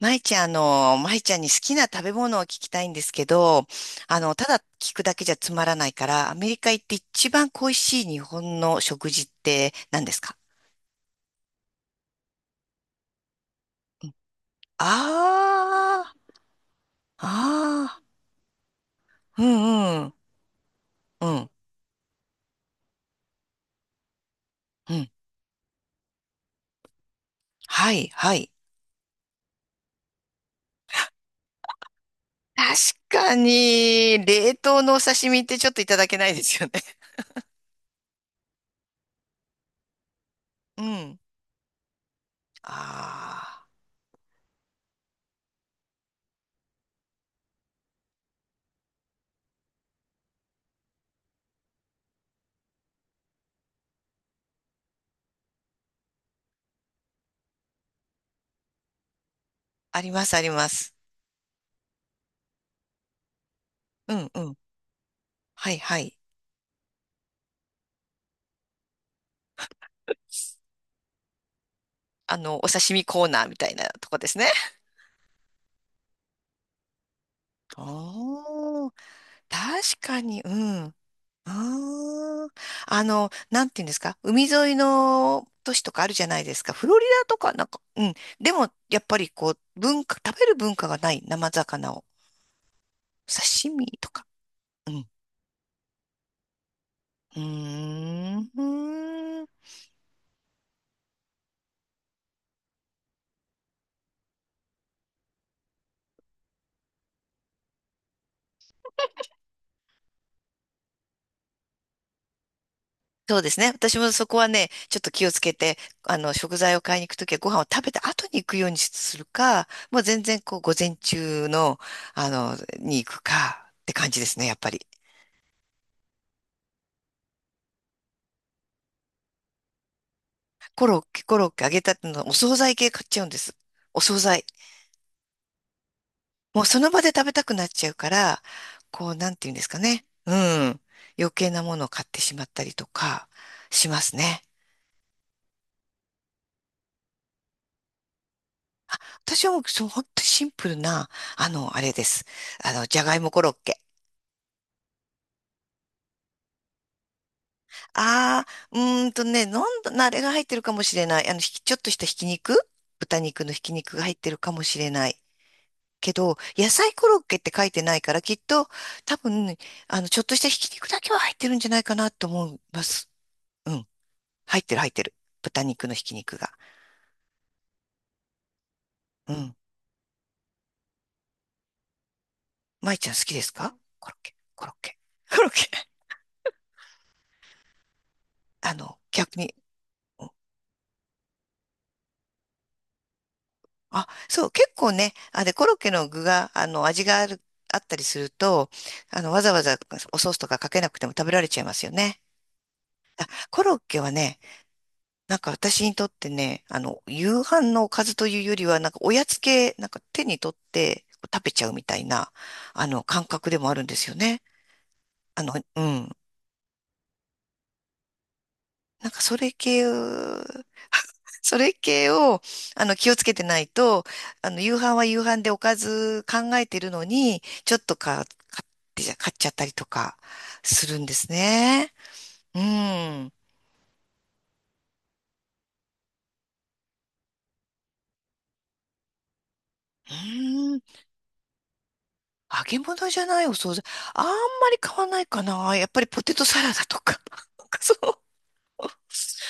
舞ちゃん、舞ちゃんに好きな食べ物を聞きたいんですけど、ただ聞くだけじゃつまらないから、アメリカ行って一番恋しい日本の食事って何ですか？あー、あー、うんうん、うん、うん。はい、はい。確かに、冷凍のお刺身ってちょっといただけないですよね。うん。あー、あります、あります。うんうん。はい、はい。お刺身コーナーみたいなとこですね。あー確かに、うん。あーなんていうんですか、海沿いの都市とかあるじゃないですか。フロリダとか、なんか、うん。でも、やっぱりこう、文化、食べる文化がない生魚を、刺身とか。うん。うーん。そうですね。私もそこはね、ちょっと気をつけて、食材を買いに行くときはご飯を食べた後に行くようにするか、もう全然こう、午前中の、に行くかって感じですね、やっぱり。コロッケ、コロッケ、揚げたてのお惣菜系買っちゃうんです。お惣菜。もうその場で食べたくなっちゃうから、こう、なんて言うんですかね。うん。余計なものを買ってしまったりとか、しますね。私はもう、そう、本当にシンプルな、あれです。じゃがいもコロッケ。ああ、うーんとね、なんだ、なあれが入ってるかもしれない。ちょっとしたひき肉豚肉のひき肉が入ってるかもしれない。けど、野菜コロッケって書いてないから、きっと、多分、ちょっとしたひき肉だけは入ってるんじゃないかなと思います。うん。入ってる、入ってる。豚肉のひき肉が。うん。舞ちゃん好きですかコロッケ、コロッケ、コロッケ。逆に。あ、そう、結構ね、あでコロッケの具が、味がある、あったりすると、わざわざおソースとかかけなくても食べられちゃいますよね。コロッケはね、なんか私にとってね、夕飯のおかずというよりは、なんかおやつ系、なんか手に取って食べちゃうみたいな、感覚でもあるんですよね。あの、うん。なんかそれ系を、それ系を、気をつけてないと、夕飯は夕飯でおかず考えてるのに、ちょっとか、買っちゃったりとか、するんですね。うん。うん。揚げ物じゃないお惣菜。あんまり買わないかな。やっぱりポテトサラダとか。なんかそう。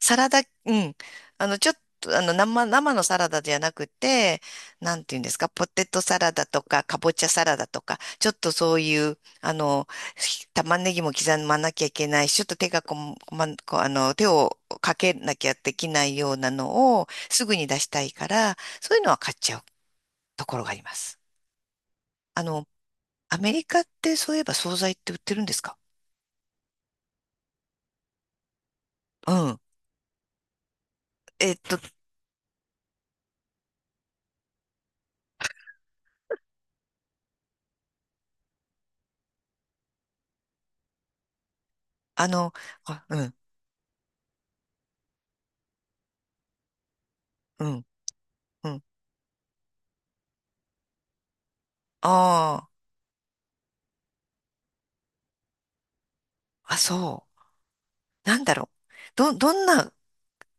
サラダ、うん。ちょっと、生のサラダじゃなくて、なんていうんですか、ポテトサラダとか、かぼちゃサラダとか、ちょっとそういう、玉ねぎも刻まなきゃいけないし、ちょっと手がこん、こま、こ、手をかけなきゃできないようなのを、すぐに出したいから、そういうのは買っちゃうところがあります。あの、アメリカってそういえば惣菜って売ってるんですか？うん。えっと、あの、あ、うん、うん、うん。ああ、あ、そう。なんだろう。どんな、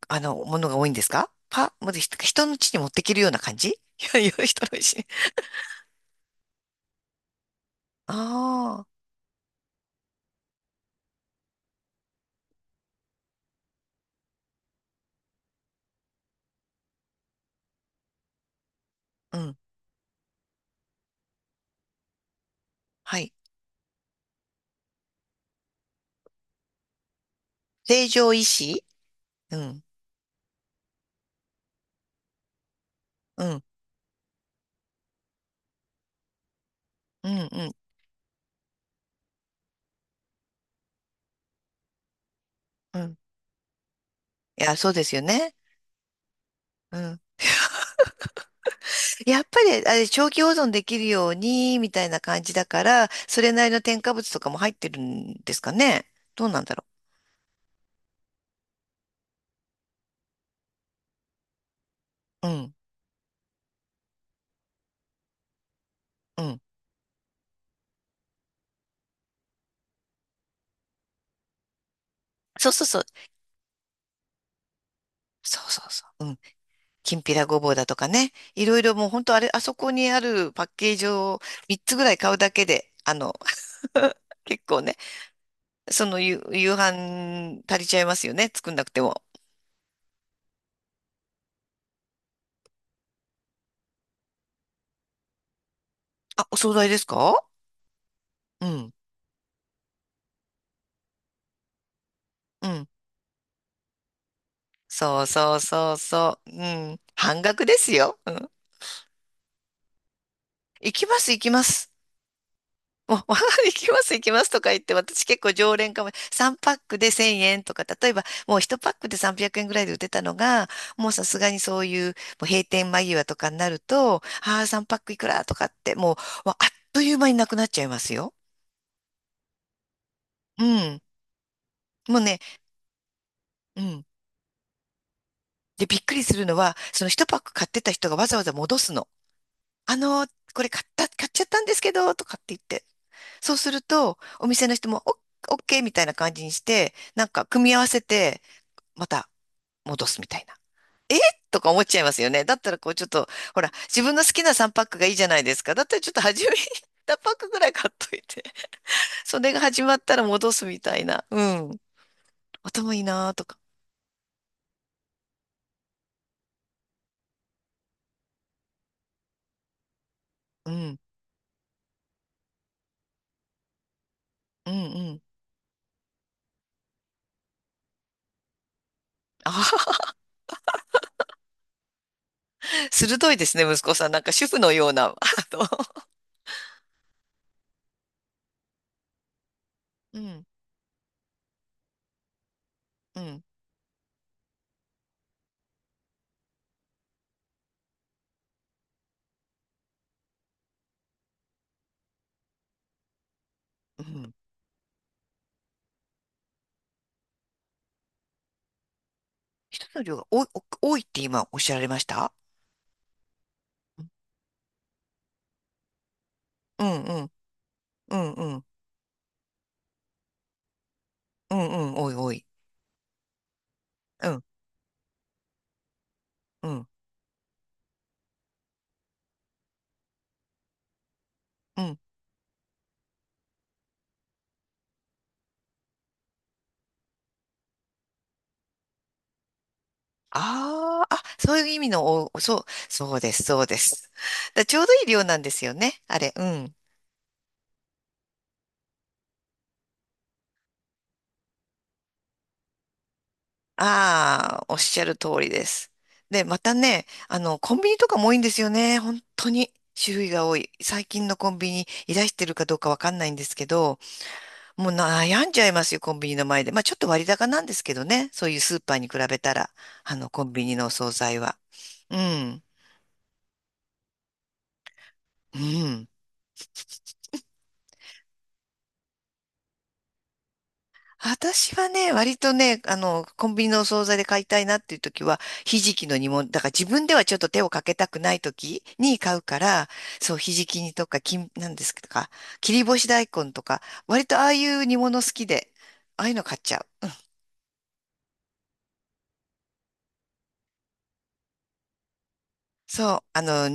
ものが多いんですか？もう人の家に持ってけるような感じいやいや、人の家ああ、うん、はい。成城石井うん、うん、うん、うん、うん。いや、そうですよね。うんやっぱり、あれ、長期保存できるように、みたいな感じだから、それなりの添加物とかも入ってるんですかね。どうなんだろう。うん、うん。そうそうそう。そうそうそう。うん。きんぴらごぼうだとかね。いろいろもう本当あれ、あそこにあるパッケージを3つぐらい買うだけで、結構ね、夕飯足りちゃいますよね。作んなくても。あ、お惣菜ですか？うん、うん。そうそうそうそう。うん。半額ですよ。うん。行きます、行きます。もう、お 行きます、行きますとか言って、私結構常連かも。3パックで1000円とか、例えばもう1パックで300円ぐらいで売ってたのが、もうさすがにそういう、もう閉店間際とかになると、ああ、3パックいくらとかって、もう、わあっという間になくなっちゃいますよ。うん。もうね、うん。で、びっくりするのは、その1パック買ってた人がわざわざ戻すの。あのー、これ買った、買っちゃったんですけど、とかって言って。そうすると、お店の人も、オッケーみたいな感じにして、なんか組み合わせて、また戻すみたいな。えとか思っちゃいますよね。だったらこうちょっと、ほら、自分の好きな3パックがいいじゃないですか。だったらちょっと初めに1パックぐらい買っといて、それが始まったら戻すみたいな。うん。頭いいなーとか。うん。うんうん。ああ、鋭いですね、息子さん。なんか主婦のような。の、うん、うん、うん。人の量が多い、お多いって今おっしゃられました？うん、うん、うん、うん、うん、うん、多い、多い。うん、うん、うん。ああ、あ、そういう意味の、お、そう、そうです、そうです。だちょうどいい量なんですよね、あれ。うん。ああ、おっしゃる通りです。で、またね、コンビニとかも多いんですよね、本当に。種類が多い。最近のコンビニいらしてるかどうかわかんないんですけど、もう悩んじゃいますよ、コンビニの前で。まあちょっと割高なんですけどね、そういうスーパーに比べたら、コンビニのお惣菜は。うん。うん。私はね、割とね、コンビニのお惣菜で買いたいなっていう時は、ひじきの煮物、だから自分ではちょっと手をかけたくない時に買うから、そう、ひじき煮とか、きん、なんですか、切り干し大根とか、割とああいう煮物好きで、ああいうの買っちゃう。そう、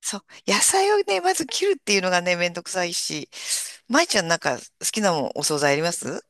そう、野菜をね、まず切るっていうのがね、めんどくさいし、まいちゃんなんか好きなもんお惣菜あります